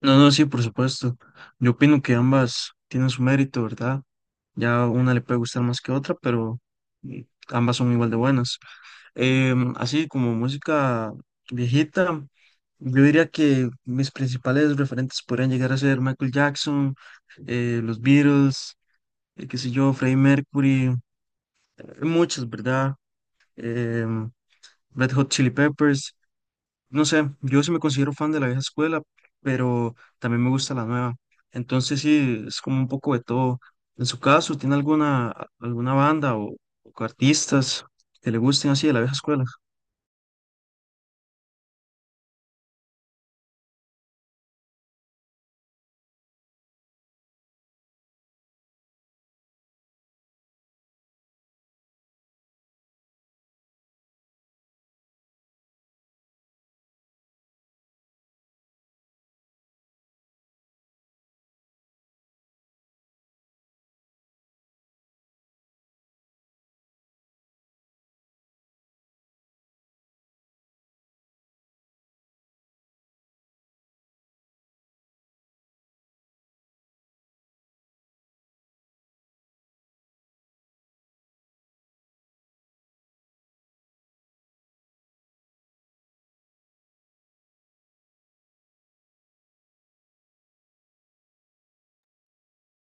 No, no, sí, por supuesto. Yo opino que ambas tienen su mérito, ¿verdad? Ya una le puede gustar más que otra, pero mm, ambas son igual de buenas. Así como música viejita, yo diría que mis principales referentes podrían llegar a ser Michael Jackson, los Beatles, qué sé yo, Freddie Mercury, hay muchos, ¿verdad? Em, Red Hot Chili Peppers. No sé, yo sí me considero fan de la vieja escuela, pero también me gusta la nueva. Entonces sí, es como un poco de todo. En su caso, ¿tiene alguna banda o artistas que le gusten así de la vieja escuela?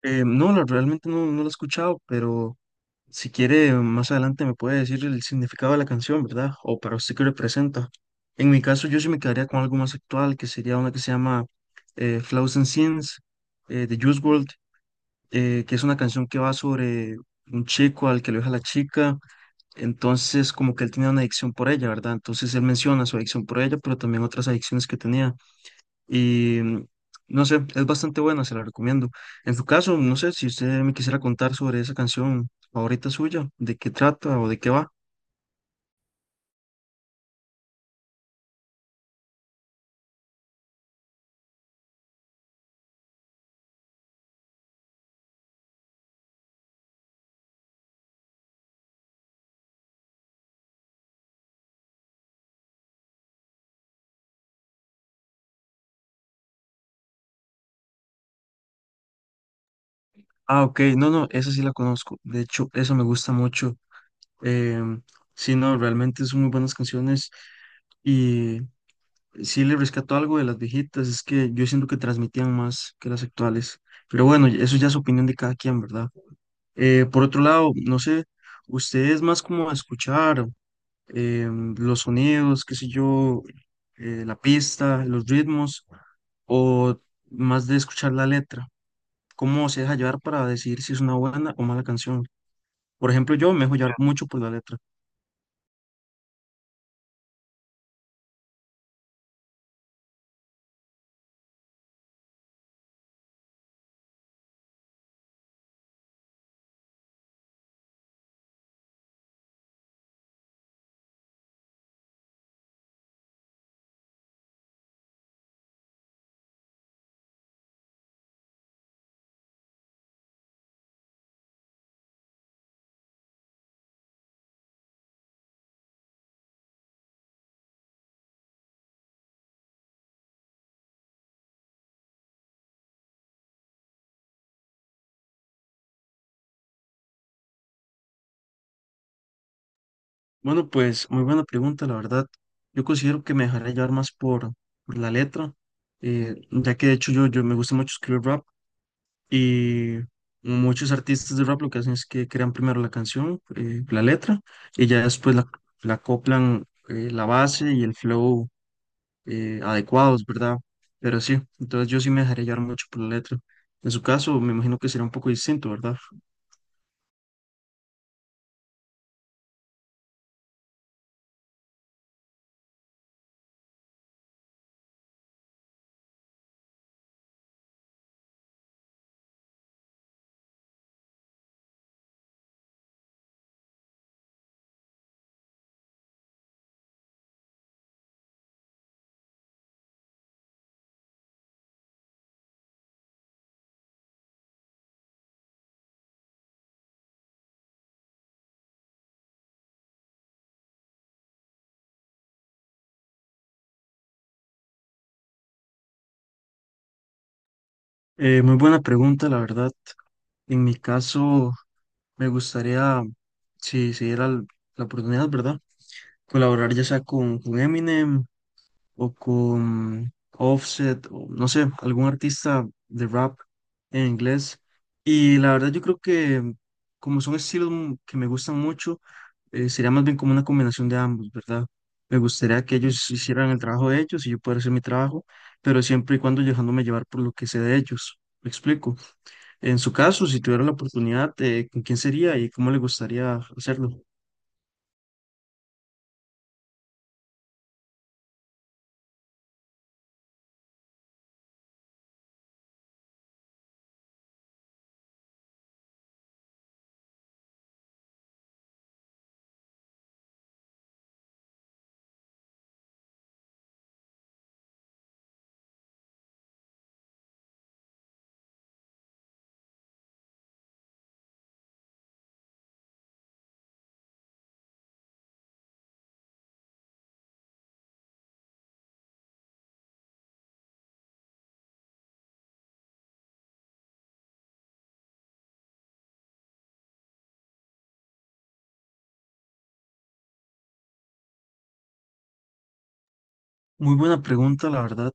No, realmente no la he escuchado, pero si quiere, más adelante me puede decir el significado de la canción, ¿verdad? O para usted qué representa. En mi caso, yo sí me quedaría con algo más actual, que sería una que se llama Flaws and Sins, de Juice WRLD. Que es una canción que va sobre un chico al que lo deja la chica, entonces como que él tenía una adicción por ella, ¿verdad? Entonces él menciona su adicción por ella, pero también otras adicciones que tenía. Y mm, no sé, es bastante buena, se la recomiendo. En su caso, no sé si usted me quisiera contar sobre esa canción favorita suya, de qué trata o de qué va. Ah, ok, no, no, esa sí la conozco. De hecho, esa me gusta mucho. Em, sí, no, realmente son muy buenas canciones. Y sí le rescató algo de las viejitas, es que yo siento que transmitían más que las actuales. Pero bueno, y eso ya es opinión de cada quien, ¿verdad? Por otro lado, no sé, usted es más como a escuchar eh, los sonidos, qué sé yo, la pista, los ritmos, o más de escuchar la letra. ¿Cómo se deja llevar para decidir si es una buena o mala canción? Por ejemplo, yo me dejo llevar mucho por la letra. Bueno, pues muy buena pregunta, la verdad. Yo considero que me dejaré llevar más por la letra, ya que de hecho yo me gusta mucho escribir rap y muchos artistas de rap lo que hacen es que crean primero la canción, la letra, y ya después la acoplan la base y el flow adecuados, ¿verdad? Pero sí, entonces yo sí me dejaré llevar mucho por la letra. En su caso, me imagino que será un poco distinto, ¿verdad? Muy buena pregunta, la verdad. En mi caso... Me gustaría, si se diera la oportunidad, ¿verdad? Colaborar ya sea con Eminem o con Offset o no sé, algún artista de rap en inglés. Y la verdad yo creo que como son estilos que me gustan mucho, sería más bien como una combinación de ambos, ¿verdad? Me gustaría que ellos hicieran el trabajo de ellos y yo poder hacer mi trabajo, pero siempre y cuando dejándome llevar por lo que sé de ellos. ¿Me explico? En su caso, si tuviera la oportunidad, ¿con quién sería y cómo le gustaría hacerlo? Muy buena pregunta, la verdad.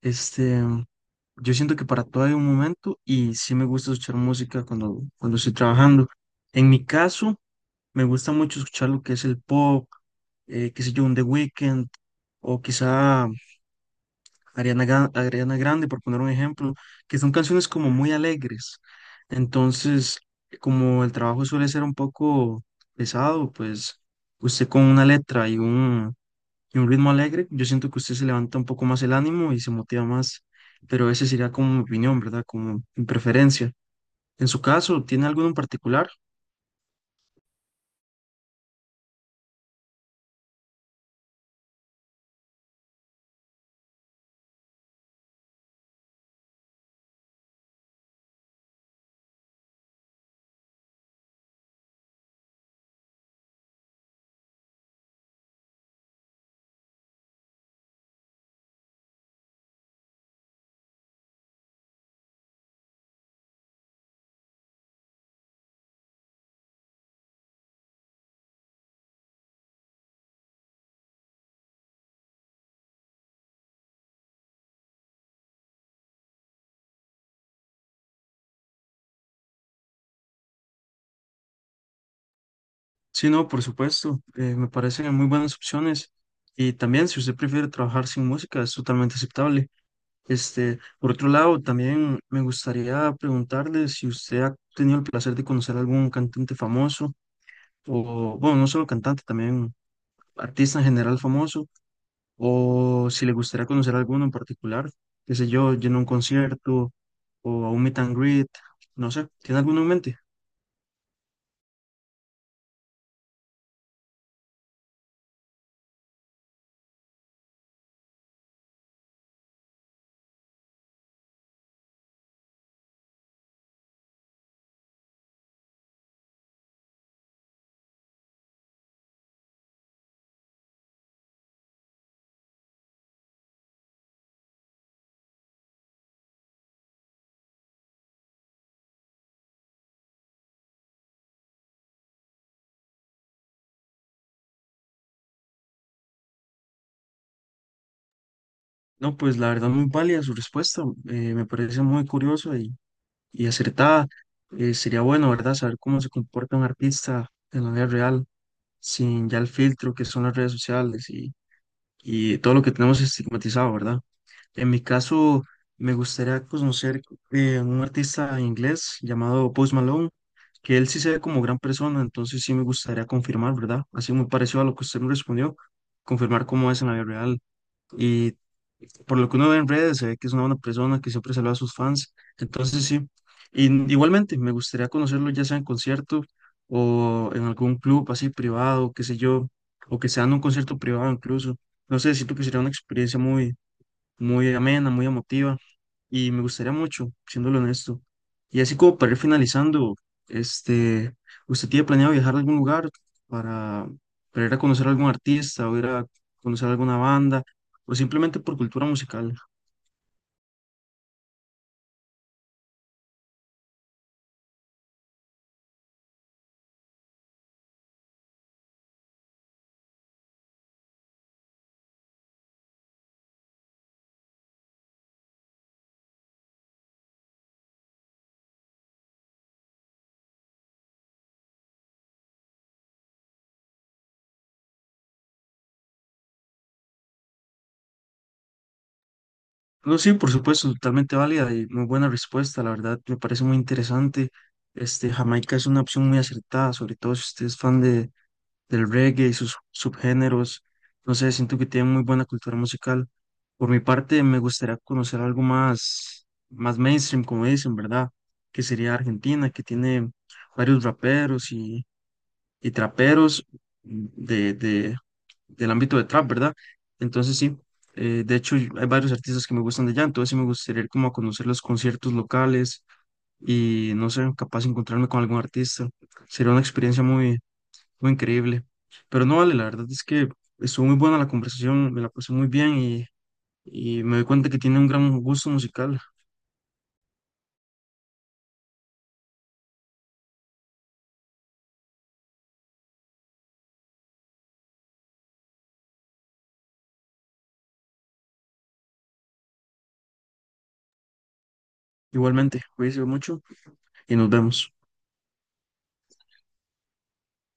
Este, yo siento que para todo hay un momento y sí me gusta escuchar música cuando estoy trabajando. En mi caso, me gusta mucho escuchar lo que es el pop, qué sé yo, un The Weeknd o quizá Ariana Grande, por poner un ejemplo, que son canciones como muy alegres. Entonces, como el trabajo suele ser un poco pesado, pues usted con una letra y y un ritmo alegre, yo siento que usted se levanta un poco más el ánimo y se motiva más, pero esa sería como mi opinión, ¿verdad? Como mi preferencia. En su caso, ¿tiene alguno en particular? Sí, no, por supuesto, me parecen muy buenas opciones. Y también, si usted prefiere trabajar sin música, es totalmente aceptable. Este, por otro lado, también me gustaría preguntarle si usted ha tenido el placer de conocer algún cantante famoso, o bueno, no solo cantante, también artista en general famoso, o si le gustaría conocer alguno en particular, qué sé yo, yendo a un concierto o a un meet and greet, no sé, ¿tiene alguno en mente? No, pues la verdad muy válida su respuesta, me parece muy curiosa y acertada. Sería bueno, ¿verdad?, saber cómo se comporta un artista en la vida real, sin ya el filtro que son las redes sociales y todo lo que tenemos estigmatizado, ¿verdad? En mi caso, me gustaría conocer un artista inglés llamado Post Malone, que él sí se ve como gran persona, entonces sí me gustaría confirmar, ¿verdad? Así muy parecido a lo que usted me respondió, confirmar cómo es en la vida real. Y por lo que uno ve en redes, se ve que es una buena persona, que siempre saluda a sus fans. Entonces, sí, y, igualmente me gustaría conocerlo ya sea en concierto o en algún club así privado, qué sé yo, o que sea en un concierto privado incluso. No sé, siento que sería una experiencia muy amena, muy emotiva y me gustaría mucho, siéndolo honesto. Y así como para ir finalizando, este, ¿usted tiene planeado viajar a algún lugar para, para ir a conocer a algún artista o ir a conocer a alguna banda o simplemente por cultura musical? No, sí, por supuesto, totalmente válida y muy buena respuesta, la verdad, me parece muy interesante. Este, Jamaica es una opción muy acertada, sobre todo si usted es fan del reggae y sus subgéneros. No sé, siento que tiene muy buena cultura musical. Por mi parte, me gustaría conocer algo más, más mainstream, como dicen, ¿verdad? Que sería Argentina, que tiene varios raperos y traperos de, de, del ámbito de trap, ¿verdad? Entonces sí, de hecho hay varios artistas que me gustan de allá, entonces sí me gustaría ir como a conocer los conciertos locales y no sé, capaz de encontrarme con algún artista. Sería una experiencia muy increíble. Pero no vale, la verdad es que estuvo muy buena la conversación, me la pasé muy bien y me doy cuenta que tiene un gran gusto musical. Igualmente, cuídense mucho y nos vemos.